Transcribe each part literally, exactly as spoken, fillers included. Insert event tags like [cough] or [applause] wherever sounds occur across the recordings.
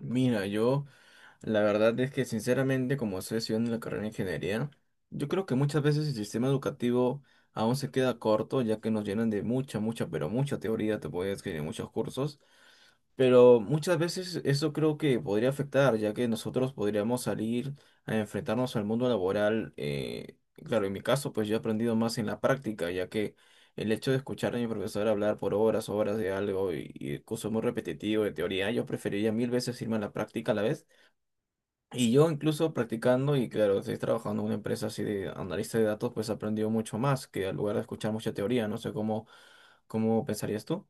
Mira, yo la verdad es que sinceramente, como estoy estudiando la carrera de ingeniería, yo creo que muchas veces el sistema educativo aún se queda corto, ya que nos llenan de mucha, mucha, pero mucha teoría, te puedes escribir muchos cursos, pero muchas veces eso creo que podría afectar, ya que nosotros podríamos salir a enfrentarnos al mundo laboral. Eh, claro, en mi caso, pues yo he aprendido más en la práctica, ya que el hecho de escuchar a mi profesor hablar por horas, horas de algo y, y el curso es muy repetitivo de teoría, yo preferiría mil veces irme a la práctica a la vez. Y yo incluso practicando, y claro, estoy trabajando en una empresa así de analista de datos, pues he aprendido mucho más que al lugar de escuchar mucha teoría. No sé cómo, ¿Cómo pensarías tú?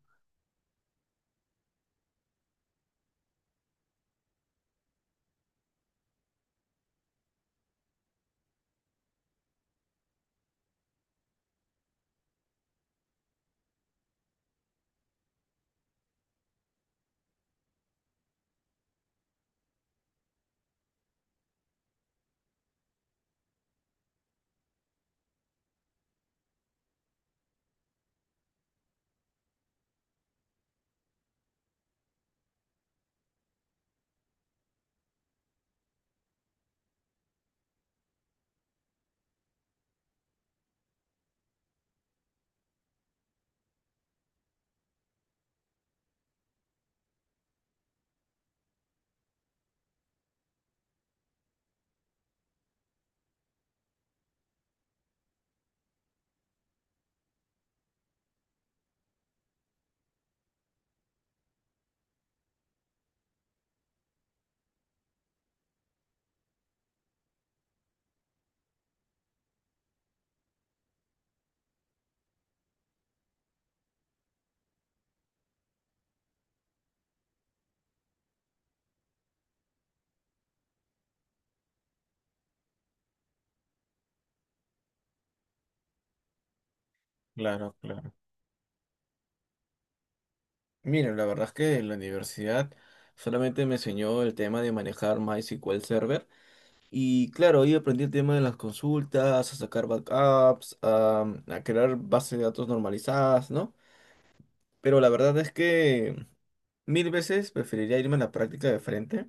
Claro, claro. Miren, la verdad es que en la universidad solamente me enseñó el tema de manejar MySQL Server y claro, ahí aprendí el tema de las consultas, a sacar backups, a, mm, a crear bases de datos normalizadas, ¿no? Pero la verdad es que mil veces preferiría irme a la práctica de frente,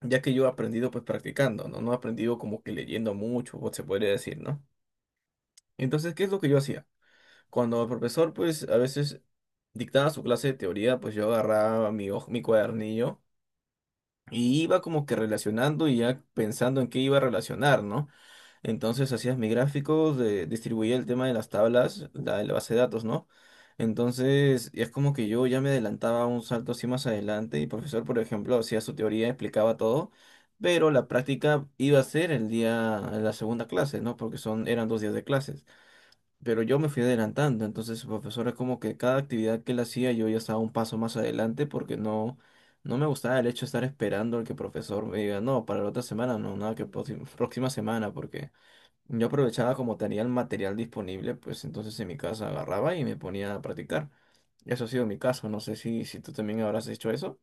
ya que yo he aprendido pues practicando, ¿no? No he aprendido como que leyendo mucho, o se podría decir, ¿no? Entonces, ¿qué es lo que yo hacía? Cuando el profesor pues a veces dictaba su clase de teoría, pues yo agarraba mi, hoj- mi cuadernillo Y iba como que relacionando y ya pensando en qué iba a relacionar, ¿no? Entonces hacías mi gráfico, de- distribuía el tema de las tablas, la, de la base de datos, ¿no? Entonces es como que yo ya me adelantaba un salto así más adelante y el profesor, por ejemplo, hacía su teoría, explicaba todo, pero la práctica iba a ser el día, en la segunda clase, ¿no? Porque son, eran dos días de clases, pero yo me fui adelantando, entonces su profesora como que cada actividad que él hacía yo ya estaba un paso más adelante porque no, no me gustaba el hecho de estar esperando al que el profesor me diga, no, para la otra semana, no, nada, que próxima, [laughs] próxima semana, porque yo aprovechaba como tenía el material disponible, pues entonces en mi casa agarraba y me ponía a practicar. Eso ha sido mi caso, no sé si, si tú también habrás hecho eso.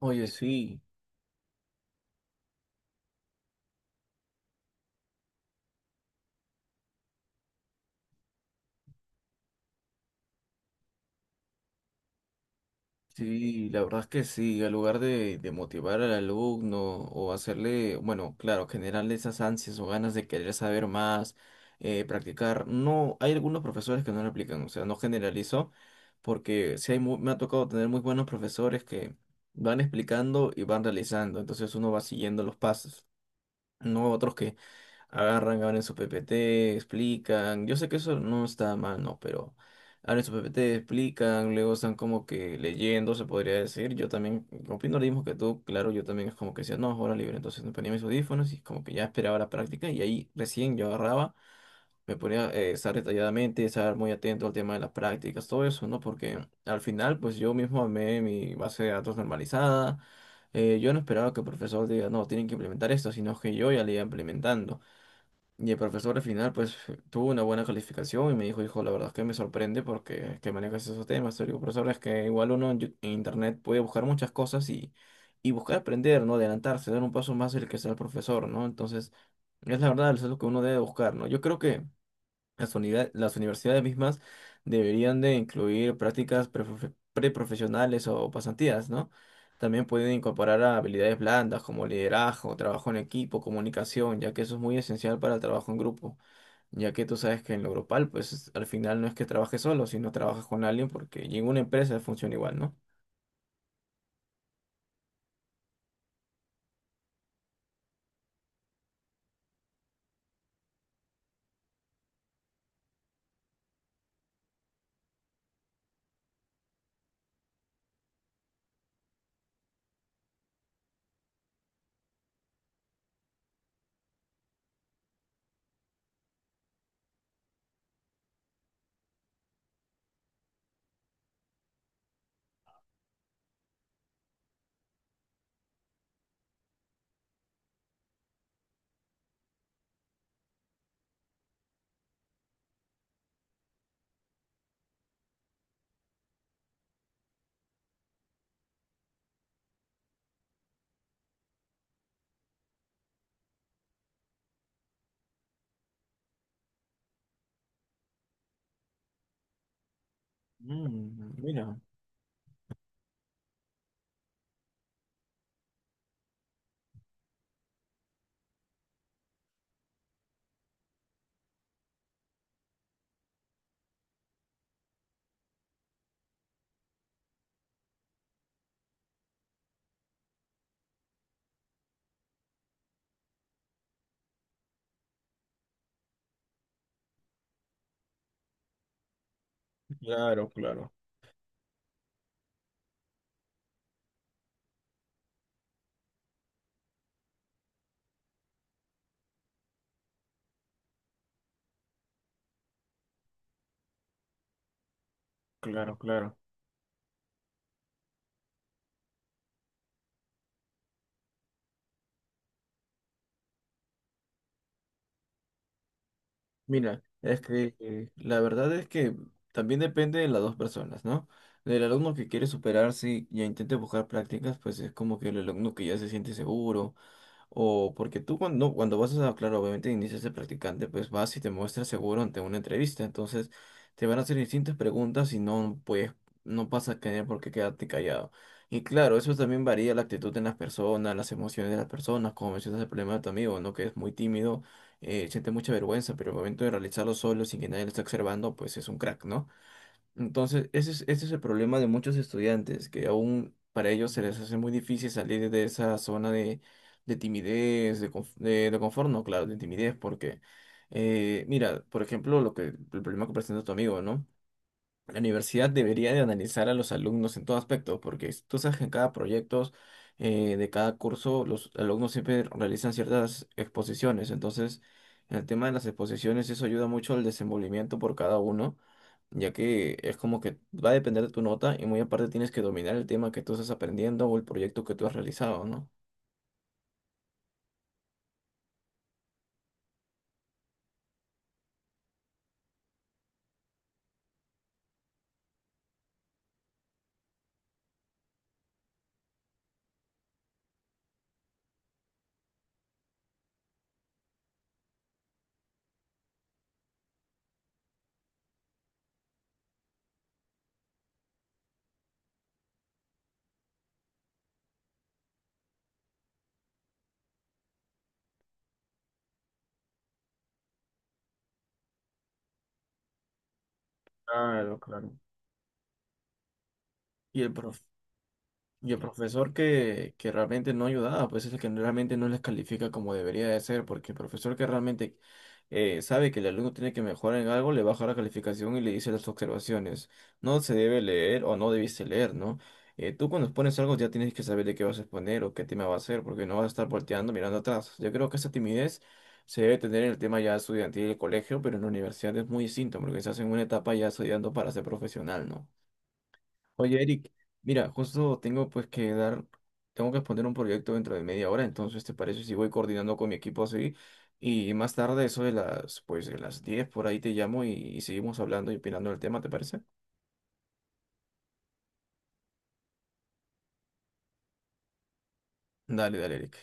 Oye, sí. Sí, la verdad es que sí, al lugar de, de motivar al alumno o hacerle, bueno, claro, generarle esas ansias o ganas de querer saber más, eh, practicar, no, hay algunos profesores que no lo aplican, o sea, no generalizo, porque sí hay mu- me ha tocado tener muy buenos profesores que van explicando y van realizando, entonces uno va siguiendo los pasos, no otros que agarran, abren su P P T, explican. Yo sé que eso no está mal, no, pero abren su P P T, explican, luego están como que leyendo, se podría decir. Yo también opino lo mismo que tú, claro, yo también es como que decía, no, hora libre. Entonces me ponía mis audífonos y como que ya esperaba la práctica y ahí recién yo agarraba, me ponía eh, estar detalladamente, estar muy atento al tema de las prácticas, todo eso, ¿no? Porque al final, pues yo mismo armé mi base de datos normalizada. Eh, yo no esperaba que el profesor diga, no, tienen que implementar esto, sino que yo ya le iba implementando. Y el profesor al final, pues, tuvo una buena calificación y me dijo, hijo, la verdad es que me sorprende porque es que manejas esos temas. Le digo, profesor, es que igual uno en, Yu- en internet puede buscar muchas cosas y, y buscar aprender, ¿no? Adelantarse, dar un paso más el que sea el profesor, ¿no? Entonces, es la verdad, eso es lo que uno debe buscar, ¿no? Yo creo que las unidad- las universidades mismas deberían de incluir prácticas preprofe- preprofesionales o pasantías, ¿no? También pueden incorporar a habilidades blandas como liderazgo, trabajo en equipo, comunicación, ya que eso es muy esencial para el trabajo en grupo, ya que tú sabes que en lo grupal, pues es- al final no es que trabajes solo, sino trabajas con alguien porque ninguna empresa funciona igual, ¿no? Mm, mira, claro, claro, claro, claro. Mira, es que eh, la verdad es que también depende de las dos personas, ¿no? Del alumno que quiere superarse y ya intente buscar prácticas, pues es como que el alumno que ya se siente seguro, o porque tú cuando, cuando vas a, claro, obviamente inicias de practicante, pues vas y te muestras seguro ante una entrevista. Entonces te van a hacer distintas preguntas y no puedes, no pasa a tener por qué quedarte callado. Y claro, eso también varía la actitud en las personas, las emociones de las personas, como mencionas el problema de tu amigo, ¿no? Que es muy tímido, eh, siente mucha vergüenza, pero el momento de realizarlo solo, sin que nadie lo esté observando, pues es un crack, ¿no? Entonces, ese es, ese es el problema de muchos estudiantes, que aún para ellos se les hace muy difícil salir de esa zona de, de timidez, de, conf- de, de confort, no, claro, de timidez, porque, eh, mira, por ejemplo, lo que, el problema que presenta tu amigo, ¿no? La universidad debería de analizar a los alumnos en todo aspecto, porque s- tú sabes que en cada proyecto eh, de cada curso los alumnos siempre realizan ciertas exposiciones. Entonces, el tema de las exposiciones eso ayuda mucho al desenvolvimiento por cada uno, ya que es como que va a depender de tu nota y muy aparte tienes que dominar el tema que tú estás aprendiendo o el proyecto que tú has realizado, ¿no? Claro, claro. Y el prof- Y el profesor que, que realmente no ayudaba, pues es el que realmente no les califica como debería de ser, porque el profesor que realmente eh, sabe que el alumno tiene que mejorar en algo, le baja la calificación y le dice las observaciones. No se debe leer o no debiste leer, ¿no? Eh, tú cuando expones algo ya tienes que saber de qué vas a exponer o qué tema va a ser, porque no vas a estar volteando mirando atrás. Yo creo que esa timidez se debe tener en el tema ya estudiantil del colegio, pero en la universidad es muy distinto, porque se hace en una etapa ya estudiando para ser profesional, ¿no? Oye, Eric, mira, justo tengo pues que dar, tengo que exponer un proyecto dentro de media hora, entonces ¿te parece si voy coordinando con mi equipo así? Y más tarde, eso de las, pues de las diez por ahí te llamo y, y seguimos hablando y opinando del tema, ¿te parece? Dale, dale, Eric.